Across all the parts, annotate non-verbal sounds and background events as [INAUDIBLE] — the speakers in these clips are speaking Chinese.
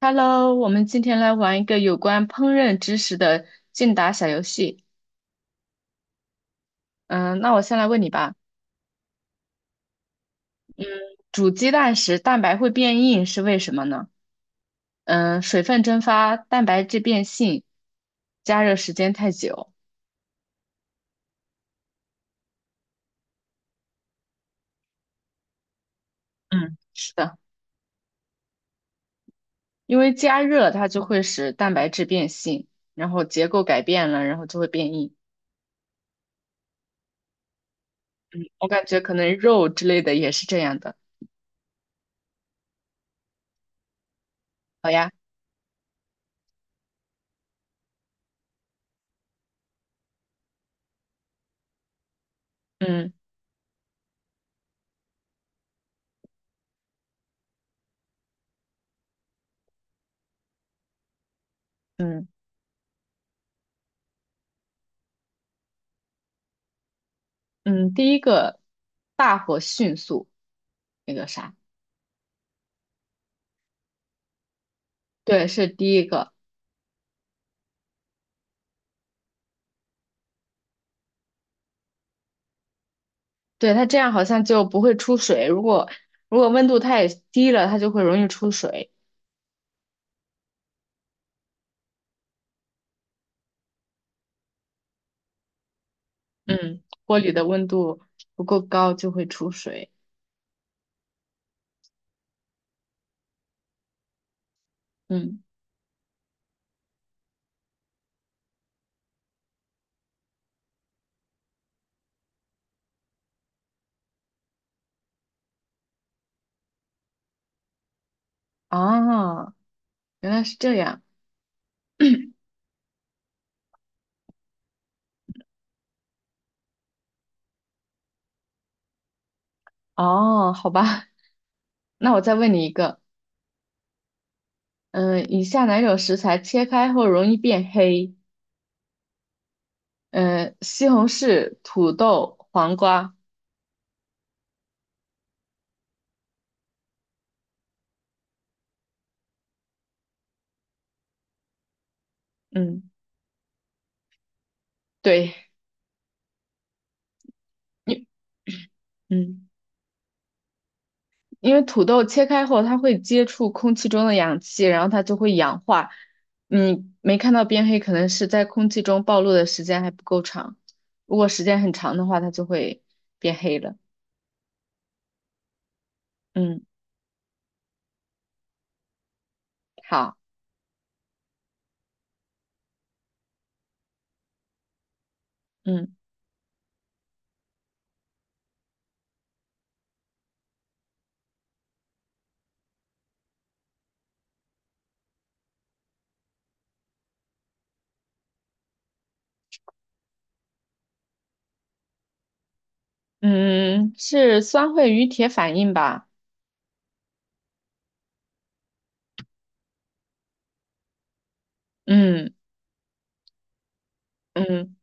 Hello，我们今天来玩一个有关烹饪知识的竞答小游戏。嗯，那我先来问你吧，煮鸡蛋时蛋白会变硬是为什么呢？水分蒸发，蛋白质变性，加热时间太久。嗯，是的，因为加热它就会使蛋白质变性，然后结构改变了，然后就会变硬。我感觉可能肉之类的也是这样的。嗯嗯嗯，第一个大火迅速那个啥，对，是第一个。对，它这样好像就不会出水。如果温度太低了，它就会容易出水。嗯，锅里的温度不够高就会出水。嗯。啊，原来是这样。哦，好吧，[LAUGHS] 那我再问你一个。嗯，以下哪种食材切开后容易变黑？嗯，西红柿、土豆、黄瓜。嗯，对，你，嗯。因为土豆切开后，它会接触空气中的氧气，然后它就会氧化。你没看到变黑，可能是在空气中暴露的时间还不够长。如果时间很长的话，它就会变黑了。嗯。好。嗯嗯，是酸会与铁反应吧？嗯。嗯，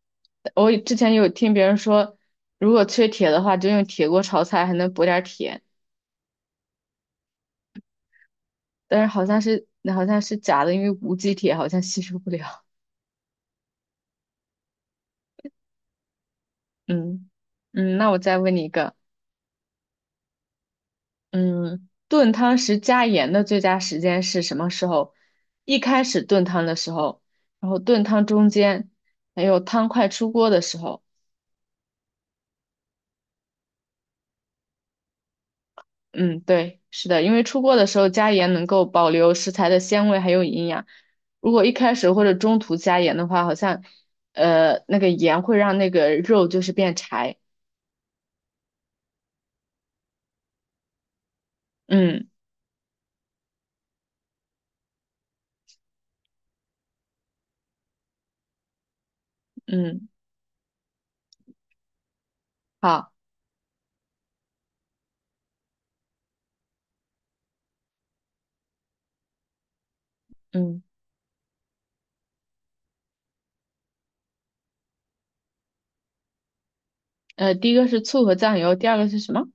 我之前有听别人说，如果缺铁的话，就用铁锅炒菜还能补点儿铁，但是好像是假的，因为无机铁好像吸收不了。嗯。那我再问你一个。嗯，炖汤时加盐的最佳时间是什么时候？一开始炖汤的时候，然后炖汤中间，还有汤快出锅的时候。嗯，对，是的，因为出锅的时候加盐能够保留食材的鲜味还有营养。如果一开始或者中途加盐的话，好像那个盐会让那个肉就是变柴。嗯嗯。好。嗯第一个是醋和酱油，第二个是什么？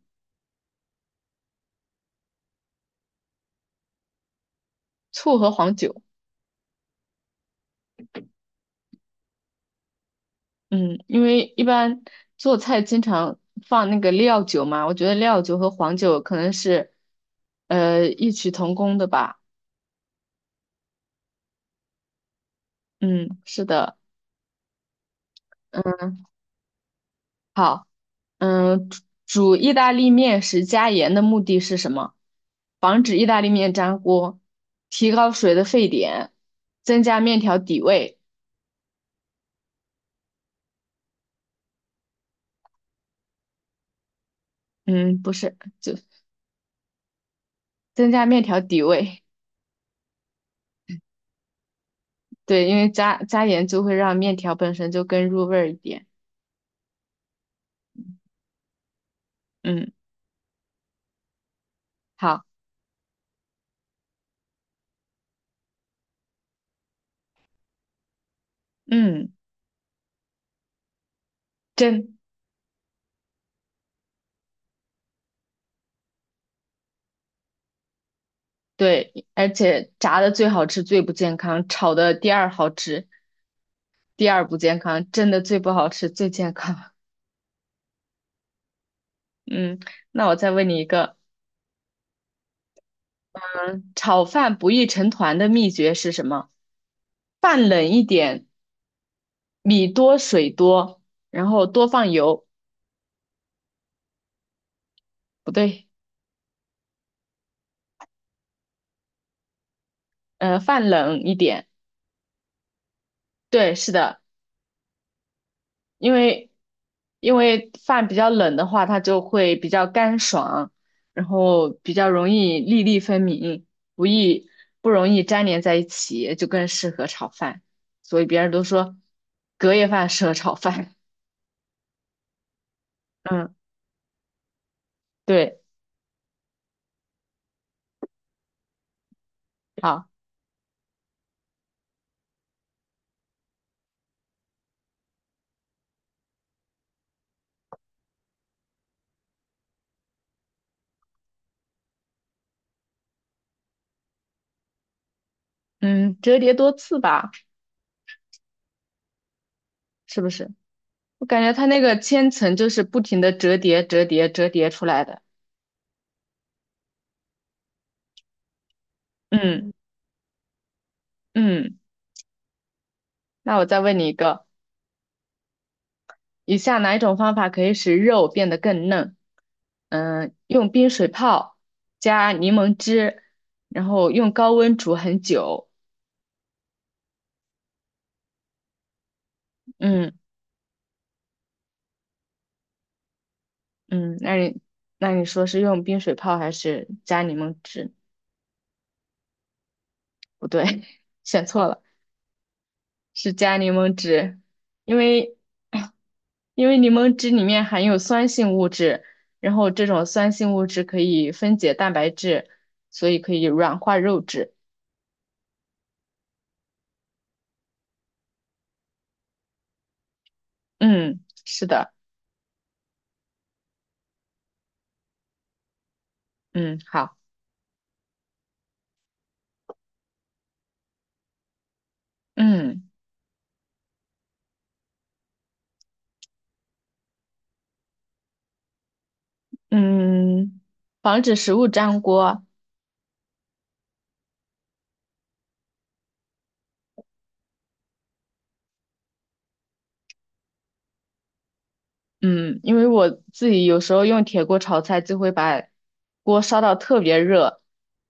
醋和黄酒。嗯，因为一般做菜经常放那个料酒嘛，我觉得料酒和黄酒可能是异曲同工的吧。嗯，是的。嗯，好。嗯，煮煮意大利面时加盐的目的是什么？防止意大利面粘锅，提高水的沸点，增加面条底味。嗯，不是，就增加面条底味。对，因为加盐就会让面条本身就更入味儿一点。嗯，好。嗯。真对，而且炸的最好吃，最不健康；炒的第二好吃，第二不健康；蒸的最不好吃，最健康。[LAUGHS] 嗯，那我再问你一个，炒饭不易成团的秘诀是什么？饭冷一点，米多水多，然后多放油，不对，饭冷一点，对，是的，因为因为饭比较冷的话，它就会比较干爽，然后比较容易粒粒分明，不易不容易粘连在一起，就更适合炒饭。所以别人都说隔夜饭适合炒饭。[LAUGHS] 嗯，对，好，嗯，折叠多次吧，是不是？我感觉它那个千层就是不停的折叠、折叠、折叠出来的。嗯。嗯，那我再问你一个。以下哪一种方法可以使肉变得更嫩？嗯，用冰水泡，加柠檬汁，然后用高温煮很久。嗯。嗯，那你那你说是用冰水泡还是加柠檬汁？不对，[LAUGHS] 选错了，是加柠檬汁，因为 [CLEARS THROAT] 因为柠檬汁里面含有酸性物质，然后这种酸性物质可以分解蛋白质，所以可以软化肉质。嗯，是的。嗯，好。嗯。嗯，防止食物粘锅。嗯，因为我自己有时候用铁锅炒菜，就会把锅烧到特别热，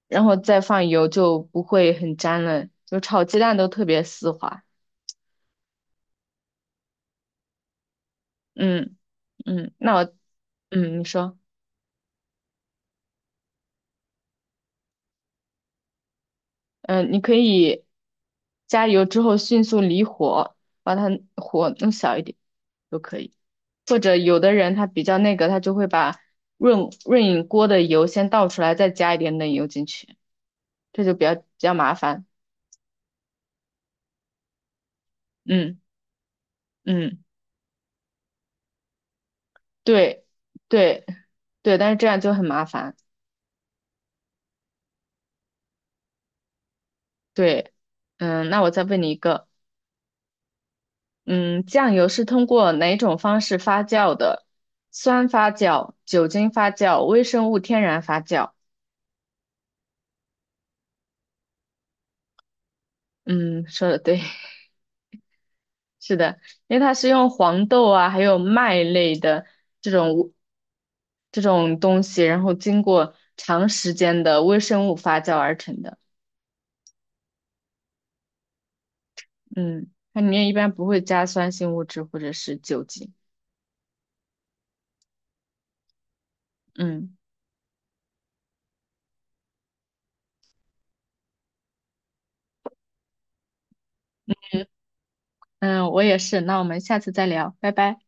然后再放油就不会很粘了，就炒鸡蛋都特别丝滑。嗯。嗯，那我。嗯，你说。你可以加油之后迅速离火，把它火弄小一点都可以。或者有的人他比较那个，他就会把润饮锅的油先倒出来，再加一点冷油进去，这就比较麻烦。嗯。嗯，对对对，但是这样就很麻烦。对。那我再问你一个。嗯，酱油是通过哪种方式发酵的？酸发酵、酒精发酵、微生物天然发酵？嗯，说的对，[LAUGHS] 是的，因为它是用黄豆啊，还有麦类的这种这种东西，然后经过长时间的微生物发酵而成的。嗯，它里面一般不会加酸性物质或者是酒精。嗯。嗯，我也是。那我们下次再聊，拜拜。